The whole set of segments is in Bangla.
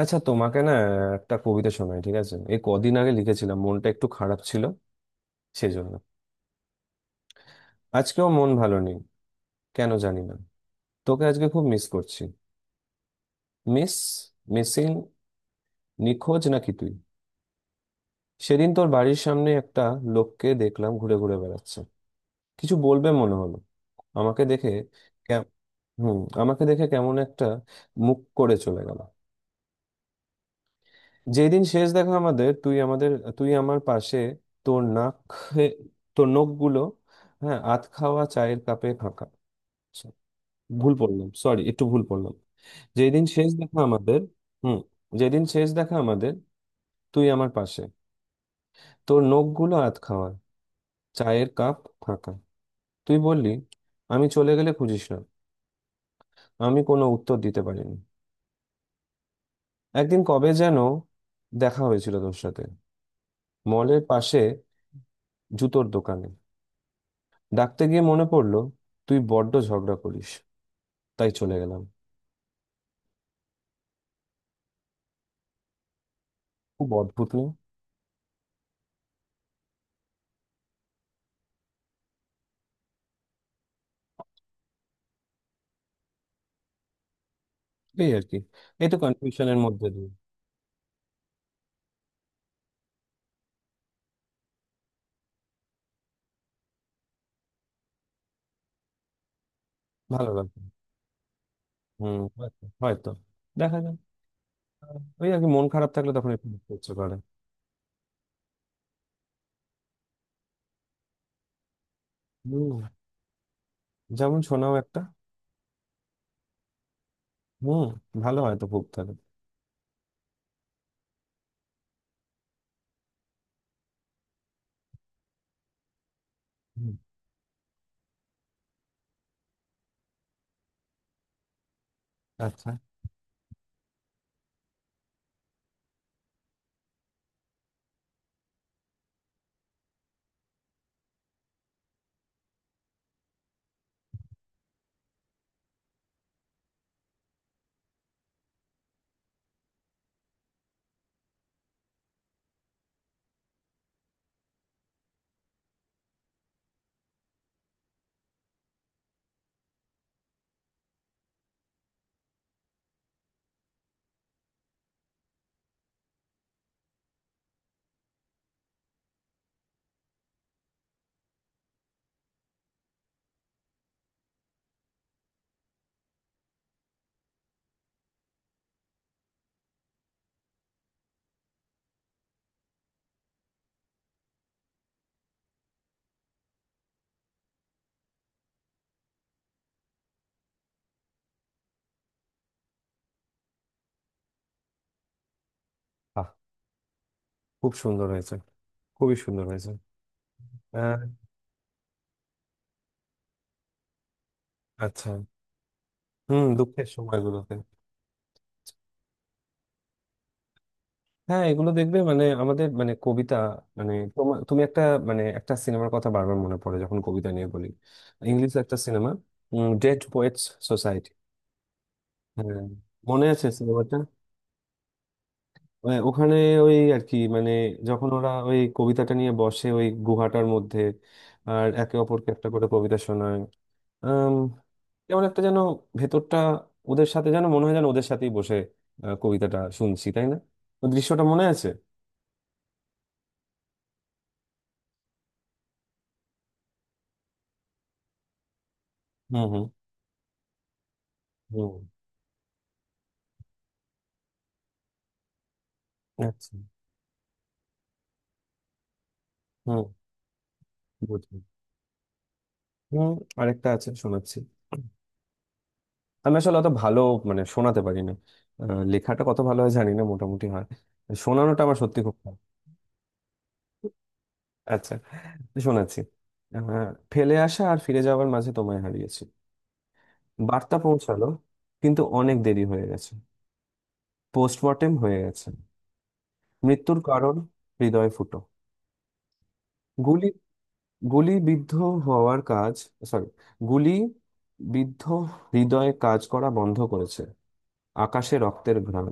আচ্ছা, তোমাকে না একটা কবিতা শোনাই, ঠিক আছে? এই কদিন আগে লিখেছিলাম, মনটা একটু খারাপ ছিল সেজন্য। আজকেও মন ভালো নেই, কেন জানি না। তোকে আজকে খুব মিস করছি। মিস, মিসিং, নিখোঁজ নাকি তুই? সেদিন তোর বাড়ির সামনে একটা লোককে দেখলাম ঘুরে ঘুরে বেড়াচ্ছে, কিছু বলবে মনে হলো আমাকে দেখে। কে- হুম, আমাকে দেখে কেমন একটা মুখ করে চলে গেল। যেদিন শেষ দেখা আমাদের, তুই আমার পাশে, তোর নাক খে- তোর নখগুলো, হ্যাঁ, আধ খাওয়া, চায়ের কাপে ফাঁকা। আচ্ছা, ভুল পড়লাম, সরি, একটু ভুল পড়লাম। যেদিন শেষ দেখা আমাদের। হুম। যেদিন শেষ দেখা আমাদের, তুই আমার পাশে, তোর নখগুলো আধ খাওয়া, চায়ের কাপ ফাঁকা। তুই বললি, আমি চলে গেলে খুঁজিস না। আমি কোনো উত্তর দিতে পারিনি। একদিন কবে যেন দেখা হয়েছিল তোর সাথে, মলের পাশে, জুতোর দোকানে। ডাকতে গিয়ে মনে পড়লো তুই বড্ড ঝগড়া করিস, তাই চলে গেলাম। খুব অদ্ভুত না? এই আর কি, এই তো কনফিউশনের মধ্যে দিয়ে। ভালো লাগবে। হুম, হয়তো হয়তো। দেখা যাক। ওই আর কি, মন খারাপ থাকলে তখন একটু ঘুরতে ইচ্ছে করে। হুম। যেমন শোনাও একটা। হুম, ভালো হয় তো খুব তাহলে। হুম, আচ্ছা। বাহ! খুব সুন্দর হয়েছে, খুবই সুন্দর হয়েছে। আহ, আচ্ছা। হুম, দুঃখের সময়গুলোতে। হ্যাঁ, এগুলো দেখবে মানে আমাদের মানে কবিতা। মানে তুমি একটা, মানে একটা সিনেমার কথা বারবার মনে পড়ে যখন কবিতা নিয়ে বলি। ইংলিশ একটা সিনেমা, ডেড পোয়েটস সোসাইটি। হ্যাঁ, মনে আছে সিনেমাটা। ওখানে, ওই আর কি মানে, যখন ওরা ওই কবিতাটা নিয়ে বসে ওই গুহাটার মধ্যে আর একে অপরকে একটা করে কবিতা শোনায়। আম, কেমন একটা যেন ভেতরটা, ওদের সাথে যেন মনে হয়, যেন ওদের সাথেই বসে কবিতাটা শুনছি, তাই না? ওই দৃশ্যটা মনে আছে। হুম, হুম, হুম। আচ্ছা। হুম। বুঝলাম। হুম, আরেকটা আছে, শোনাচ্ছি। আমি আসলে অত ভালো মানে শোনাতে পারি না। লেখাটা কত ভালো হয় জানি না, মোটামুটি হয়, শোনানোটা আমার সত্যি খুব ভালো। আচ্ছা, তো শোনাচ্ছি। আহ, ফেলে আসা আর ফিরে যাওয়ার মাঝে তোমায় হারিয়েছি। বার্তা পৌঁছালো, কিন্তু অনেক দেরি হয়ে গেছে। পোস্টমর্টেম হয়ে গেছে। মৃত্যুর কারণ হৃদয় ফুটো, গুলি, গুলিবিদ্ধ হওয়ার কাজ। সরি, গুলি বিদ্ধ হৃদয়ে কাজ করা বন্ধ করেছে। আকাশে রক্তের ঘ্রাণ।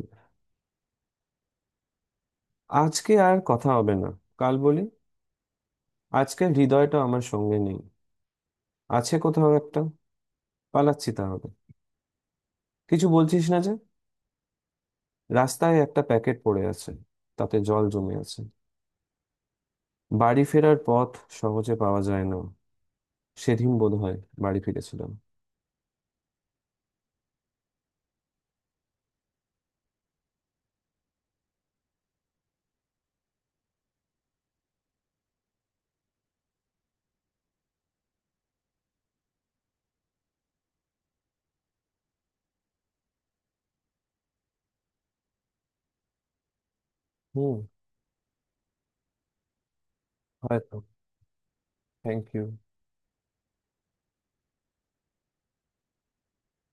আজকে আর কথা হবে না, কাল বলি। আজকে হৃদয়টা আমার সঙ্গে নেই, আছে কোথাও একটা। পালাচ্ছি তাহলে। কিছু বলছিস না যে। রাস্তায় একটা প্যাকেট পড়ে আছে, তাতে জল জমে আছে। বাড়ি ফেরার পথ সহজে পাওয়া যায় না। সেদিন বোধ হয় বাড়ি ফিরেছিলাম। হুম, হয়তো। Thank you.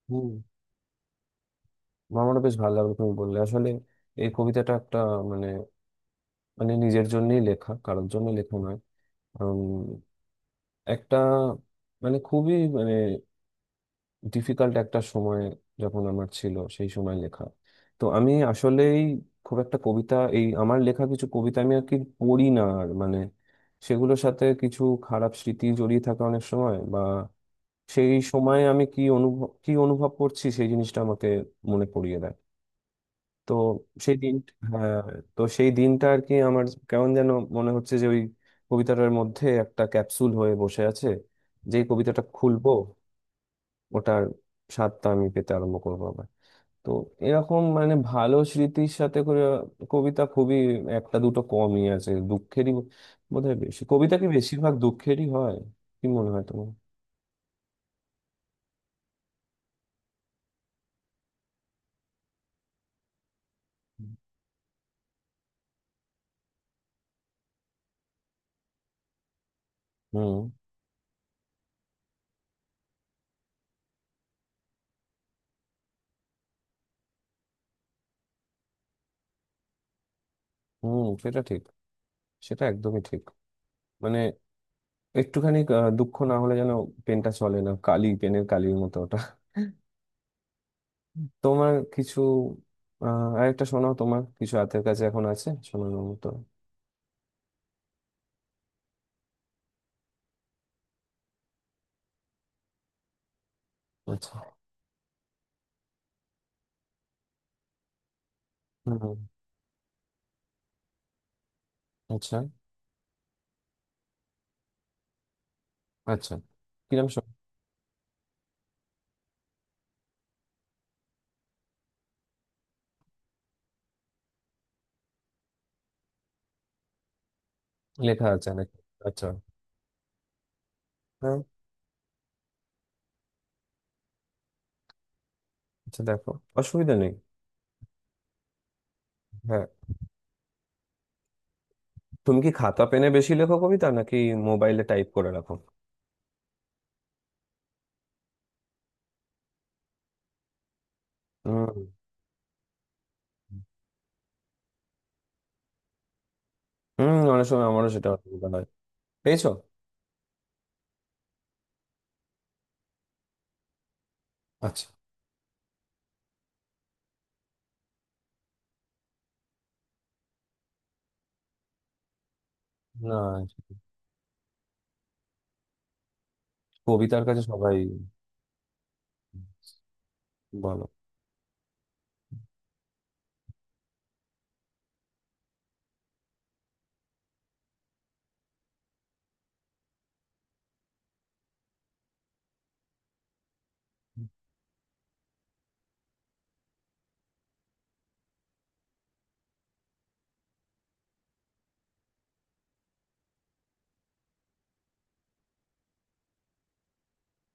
হুম, আমারও বেশ ভালো লাগলো তুমি বললে আসলে। এই কবিতাটা একটা মানে, মানে নিজের জন্যই লেখা, কারোর জন্য লেখা নয়। উম, একটা মানে খুবই মানে ডিফিকাল্ট একটা সময় যখন আমার ছিল, সেই সময় লেখা। তো আমি আসলেই খুব একটা কবিতা, এই আমার লেখা কিছু কবিতা আমি আর কি পড়ি না আর, মানে সেগুলোর সাথে কিছু খারাপ স্মৃতি জড়িয়ে থাকে অনেক সময়, বা সেই সময়ে আমি কি অনুভব করছি সেই জিনিসটা আমাকে মনে পড়িয়ে দেয়। তো সেই দিন, হ্যাঁ, তো সেই দিনটা আর কি আমার কেমন যেন মনে হচ্ছে যে ওই কবিতাটার মধ্যে একটা ক্যাপসুল হয়ে বসে আছে, যেই কবিতাটা খুলবো ওটার স্বাদটা আমি পেতে আরম্ভ করবো আবার। তো এরকম মানে ভালো স্মৃতির সাথে করে কবিতা খুবই একটা দুটো কমই আছে, দুঃখেরই বোধহয় বেশি। কবিতা কি বেশিরভাগ দুঃখেরই হয়? কি মনে হয় তোমার? হুম, হুম, সেটা ঠিক, সেটা একদমই ঠিক। মানে একটুখানি দুঃখ না হলে যেন পেনটা চলে না, কালি পেনের কালির মতো ওটা। তোমার কিছু আরেকটা শোনাও, তোমার কিছু হাতের কাছে এখন আছে শোনানোর মতো? আচ্ছা। হুম। আচ্ছা, আচ্ছা। কিরম শোনাও? লেখা আছে নাকি? আচ্ছা। হ্যাঁ। আচ্ছা, দেখো, অসুবিধা নেই। হ্যাঁ। তুমি কি খাতা পেনে বেশি লেখো কবিতা, নাকি মোবাইলে টাইপ করে রাখো? হুম, হুম, অনেক সময় আমারও সেটা অসুবিধা হয়। পেয়েছো? আচ্ছা। না, কবিতার কাছে সবাই। বলো।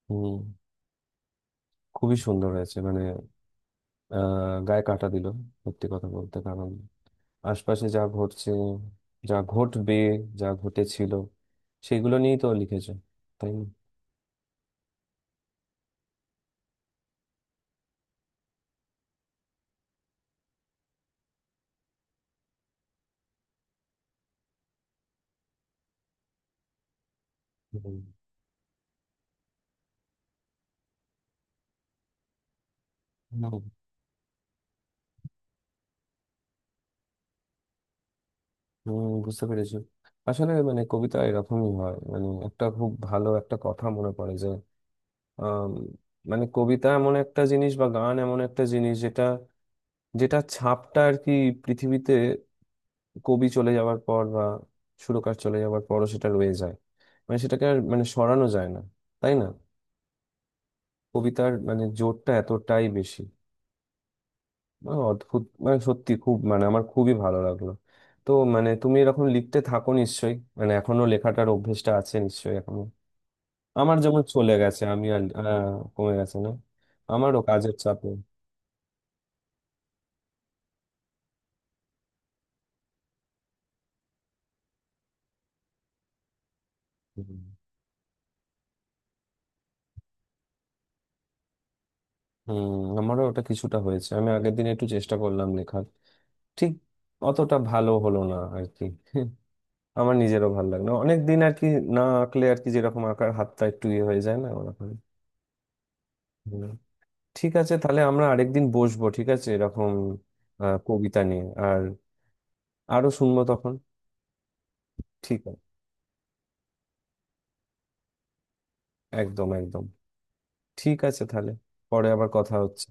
হুম। খুবই সুন্দর হয়েছে মানে। গায়ে কাটা দিল, সত্যি কথা বলতে, কারণ আশপাশে যা ঘটছে, যা ঘটবে, যা ঘটেছিল, সেগুলো নিয়েই তো লিখেছো, তাই না? হুম। হম, বুঝতে পেরেছি। আসলে মানে কবিতা এরকমই হয়, মানে একটা খুব ভালো একটা কথা মনে পড়ে যে আম, মানে কবিতা এমন একটা জিনিস বা গান এমন একটা জিনিস যেটা, যেটা ছাপটা আর কি পৃথিবীতে কবি চলে যাওয়ার পর বা সুরকার চলে যাওয়ার পরও সেটা রয়ে যায়, মানে সেটাকে আর মানে সরানো যায় না, তাই না? কবিতার মানে জোরটা এতটাই বেশি। অদ্ভুত মানে সত্যি খুব মানে আমার খুবই ভালো লাগলো। তো মানে তুমি এরকম লিখতে থাকো নিশ্চয়ই, মানে এখনো লেখাটার অভ্যেসটা আছে নিশ্চয়ই এখনো? আমার যেমন চলে গেছে, আমি আর কমে গেছে না? আমারও কাজের চাপে। হুম, হুম, আমারও ওটা কিছুটা হয়েছে। আমি আগের দিন একটু চেষ্টা করলাম লেখার, ঠিক অতটা ভালো হলো না আর কি। আমার নিজেরও ভালো লাগলো অনেক দিন আর কি না আঁকলে আর কি, যেরকম আঁকার হাতটা একটু ইয়ে হয়ে যায় না, ওরকম। ঠিক আছে তাহলে, আমরা আরেকদিন বসবো, ঠিক আছে, এরকম কবিতা নিয়ে, আর আরো শুনবো তখন। ঠিক আছে। একদম, একদম। ঠিক আছে তাহলে, পরে আবার কথা হচ্ছে।